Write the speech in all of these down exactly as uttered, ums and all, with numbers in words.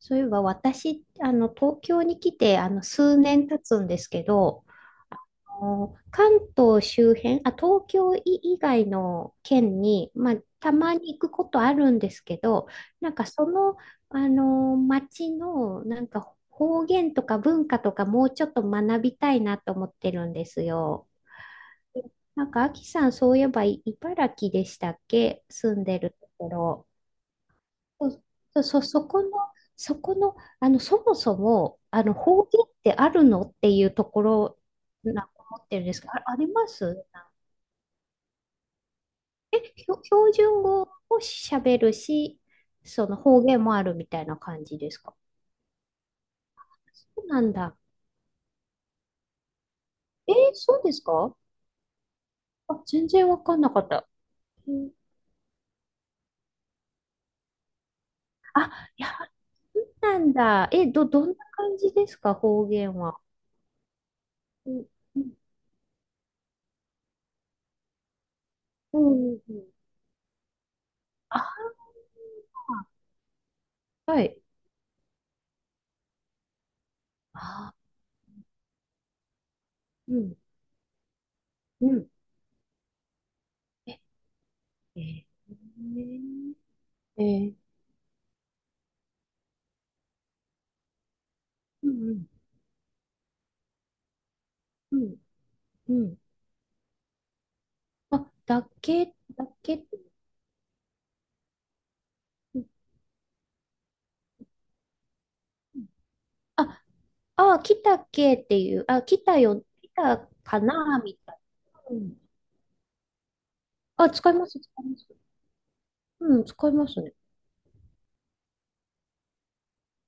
そういえば私、あの、東京に来て、あの、数年経つんですけど、あの関東周辺、あ、東京以以外の県に、まあ、たまに行くことあるんですけど、なんかその、あの、町の、なんか方言とか文化とかもうちょっと学びたいなと思ってるんですよ。なんか、あさん、そういえばい茨城でしたっけ、住んでるところ？そうそうそう、そこの、そこの、あの、そもそも、あの、方言ってあるのっていうところなんか思ってるんですけど、あ、あります？え、ひょ標準語を喋るし、その方言もあるみたいな感じですか？そうなんだ。えー、そうですか？あ、全然わかんなかった。うん。あ、いや、そうなんだ。え、ど、どんな感じですか、方言は？うん、うん、うん。うん。ああ、はい。ああ、うん、うん。ええー、えー、うんうん、うん、うん。あ、だっけ、だっけ、うんうん。あ、あ、来たっけっていう、あ、来たよ、来たかな、みたいな。うん。あ、使います、使います。うん、使いますね。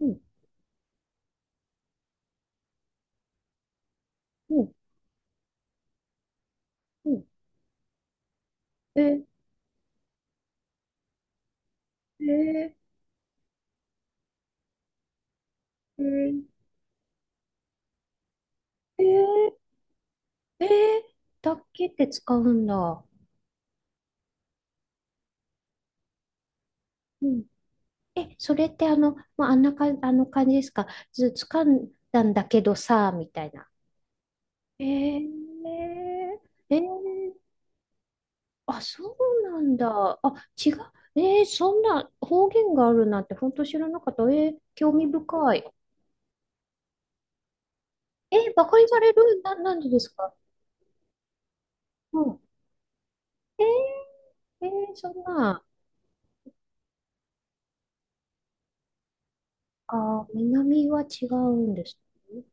うん、うん、うん。えー、えー、えー、えー、えー、だっけって使うんだ。うん。え、それってあの、まあ、あんなか、あの感じですか？ず、つかんだんだけどさ、みたいな。えー、えー、あ、そうなんだ。あ、違う。えー、そんな方言があるなんて本当知らなかった。えー、興味深い。えー、バカにされるな、なんでですか？うん。えー、えー、そんな、あー、南は違うんですね。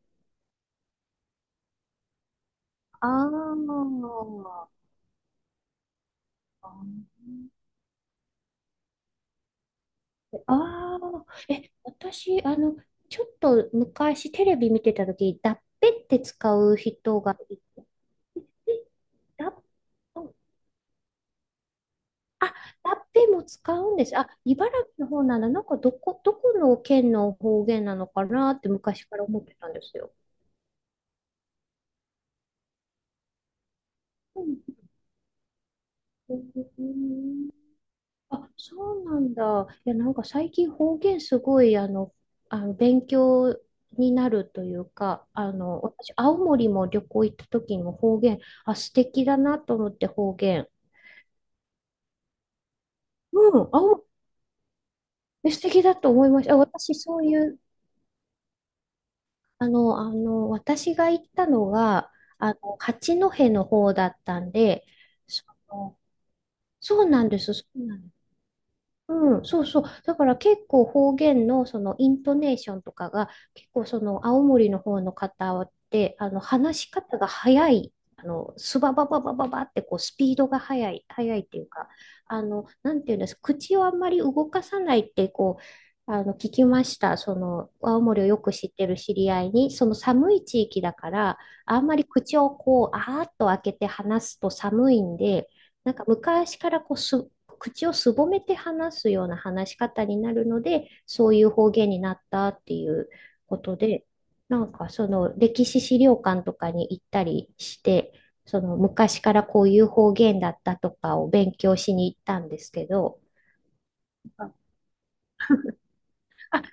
あー、あー、あーえ、私、あの、ちょっと昔テレビ見てた時、だっぺって使う人がいて、ラップ、あ、ラッペも使うんです。あ、茨城の方なんだ。なんか、どこ、どこの県の方言なのかなって昔から思ってたんですよ。うんうん。あ、そうなんだ。いや、なんか最近方言すごい、あの、あの勉強になるというか、あの、私、青森も旅行行った時にも方言、あ、素敵だなと思って、方言。うん、青森、素敵だと思いました。あ、私、そういうあの、あの、私が行ったのが、あの、八戸の方だったんで、その、そうなんです、そうなんです。うん、そうそう。だから結構方言のそのイントネーションとかが結構その青森の方の方って、あの話し方が早い。あのスババババババってこうスピードが速い、速いっていうか、あの、なんていうんです、口をあんまり動かさないってこう、あの、聞きました。その、青森をよく知ってる知り合いに、その寒い地域だから、あんまり口をこう、あーっと開けて話すと寒いんで、なんか昔からこうす、口をすぼめて話すような話し方になるので、そういう方言になったっていうことで、なんかその歴史資料館とかに行ったりして、その昔からこういう方言だったとかを勉強しに行ったんですけど、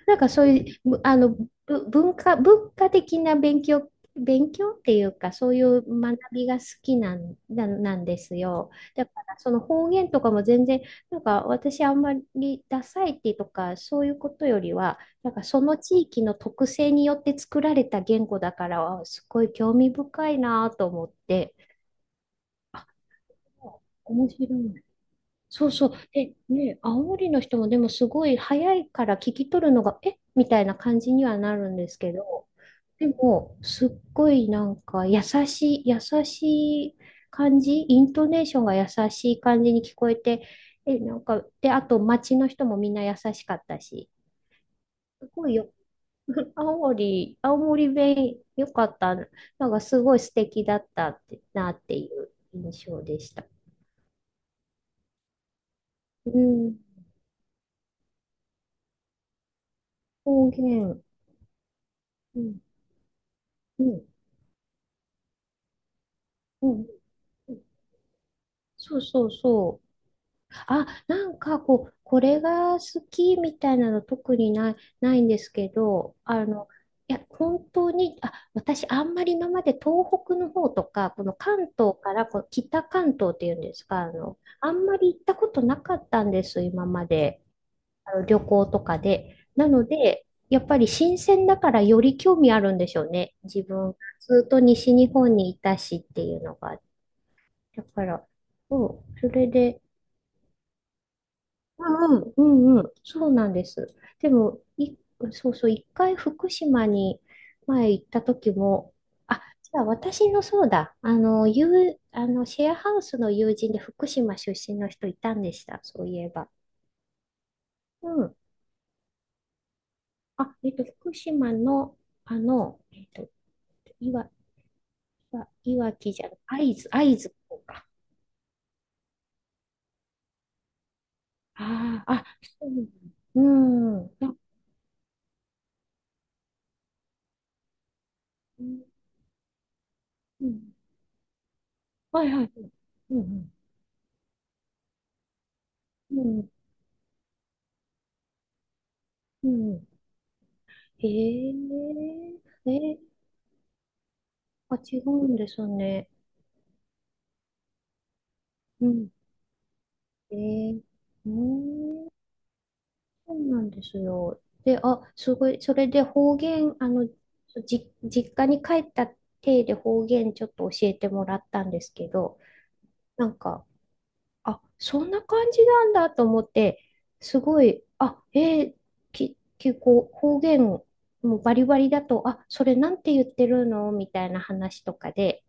なんかそういう、あの、ぶ文化、文化的な勉強、勉強っていうか、そういう学びが好きなん、な、なんですよ。だから、その方言とかも全然、なんか私あんまりダサいってとか、そういうことよりは、なんかその地域の特性によって作られた言語だから、あすごい興味深いなと思って、面白い。そうそう。で、ね、煽りの人もでもすごい早いから聞き取るのが、えみたいな感じにはなるんですけど、でも、すっごいなんか優しい、優しい感じ、イントネーションが優しい感じに聞こえて、え、なんか、で、あと街の人もみんな優しかったし、すごいよ、青森、青森弁良かった、なんかすごい素敵だったってなっていう印象でした。うん、方言、うん、うん。うんうん、そうそうそう。あ、なんかこう、これが好きみたいなの特にない、ない、んですけど、あの、いや、本当に、あ、私あんまり今まで東北の方とか、この関東からこう北関東っていうんですか、あの、あんまり行ったことなかったんです、今まで。あの旅行とかで。なので、やっぱり新鮮だからより興味あるんでしょうね。自分、ずっと西日本にいたしっていうのが。だから、うん、それで、うんうん。うんうん、そうなんです。でも、い、そうそう、一回福島に前行った時も、あ、じゃあ、私のそうだ、あの、友あの、シェアハウスの友人で福島出身の人いたんでした、そういえば。うん。あ、えっと、福島の、あの、えっと、いわ、いわ、いわきじゃない、会津、会津の方か。ああ、あ、そうなんだ。うん。あ、うん、はいはい。うんうん。うん。うん。えええ、あ、違うんですね。うん。えー、うーん、そうなんですよ。で、あ、すごい、それで方言、あの、じ、実家に帰った体で方言ちょっと教えてもらったんですけど、なんか、あ、そんな感じなんだと思って、すごい、あ、えー、き、結構方言もうバリバリだと、あ、それなんて言ってるのみたいな話とかで、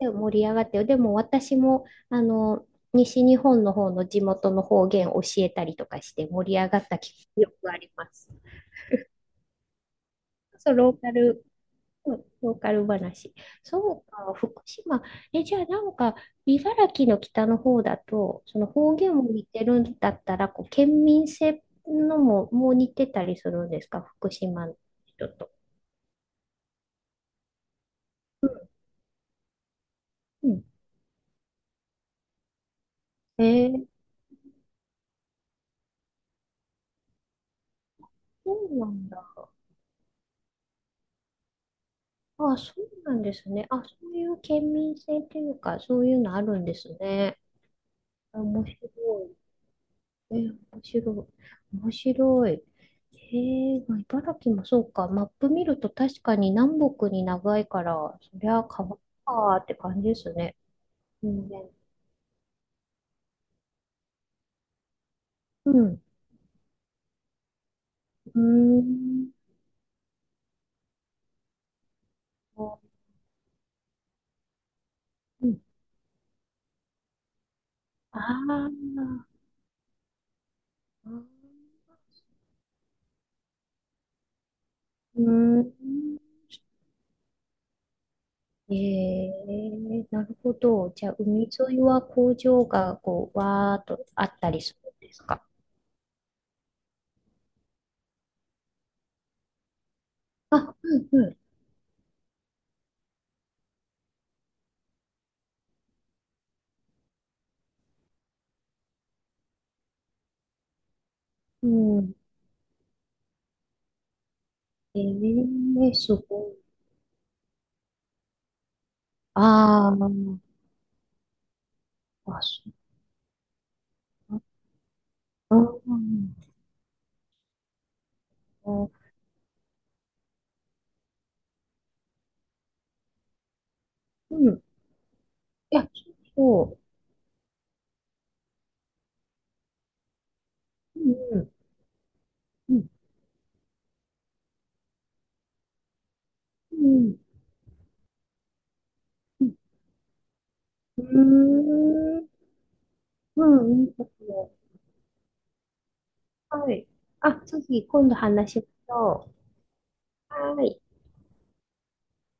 で盛り上がって、でも私も、あの、西日本の方の地元の方言教えたりとかして盛り上がった記憶があります。そう、ローカルうん、ローカル話。そうか、福島。え、じゃあ、なんか、茨城の北の方だと、その方言も似てるんだったら、こう、県民性のも、もう似てたりするんですか、福島の人と？うん。うん、えー、そうなんだ。あ、そうなんですね。あ、そういう県民性っていうか、そういうのあるんですね。面白い。えー、面白い。面白い。へえ、まあ、茨城もそうか。マップ見ると確かに南北に長いから、そりゃ川かーって感じですね。うん。うん。うーん。うん。あー、あー。うーん。ええ、なるほど。じゃあ、海沿いは工場がこう、わーっとあったりするんですか？あ、うん、うん。うん。ええ、すごい。ああ。あ、そう、あー、あー、うん。いや、そう。うん、うん、うん、うん。うーん、うん、いいですね。はい。あ、次、今度話しましょう。はーい。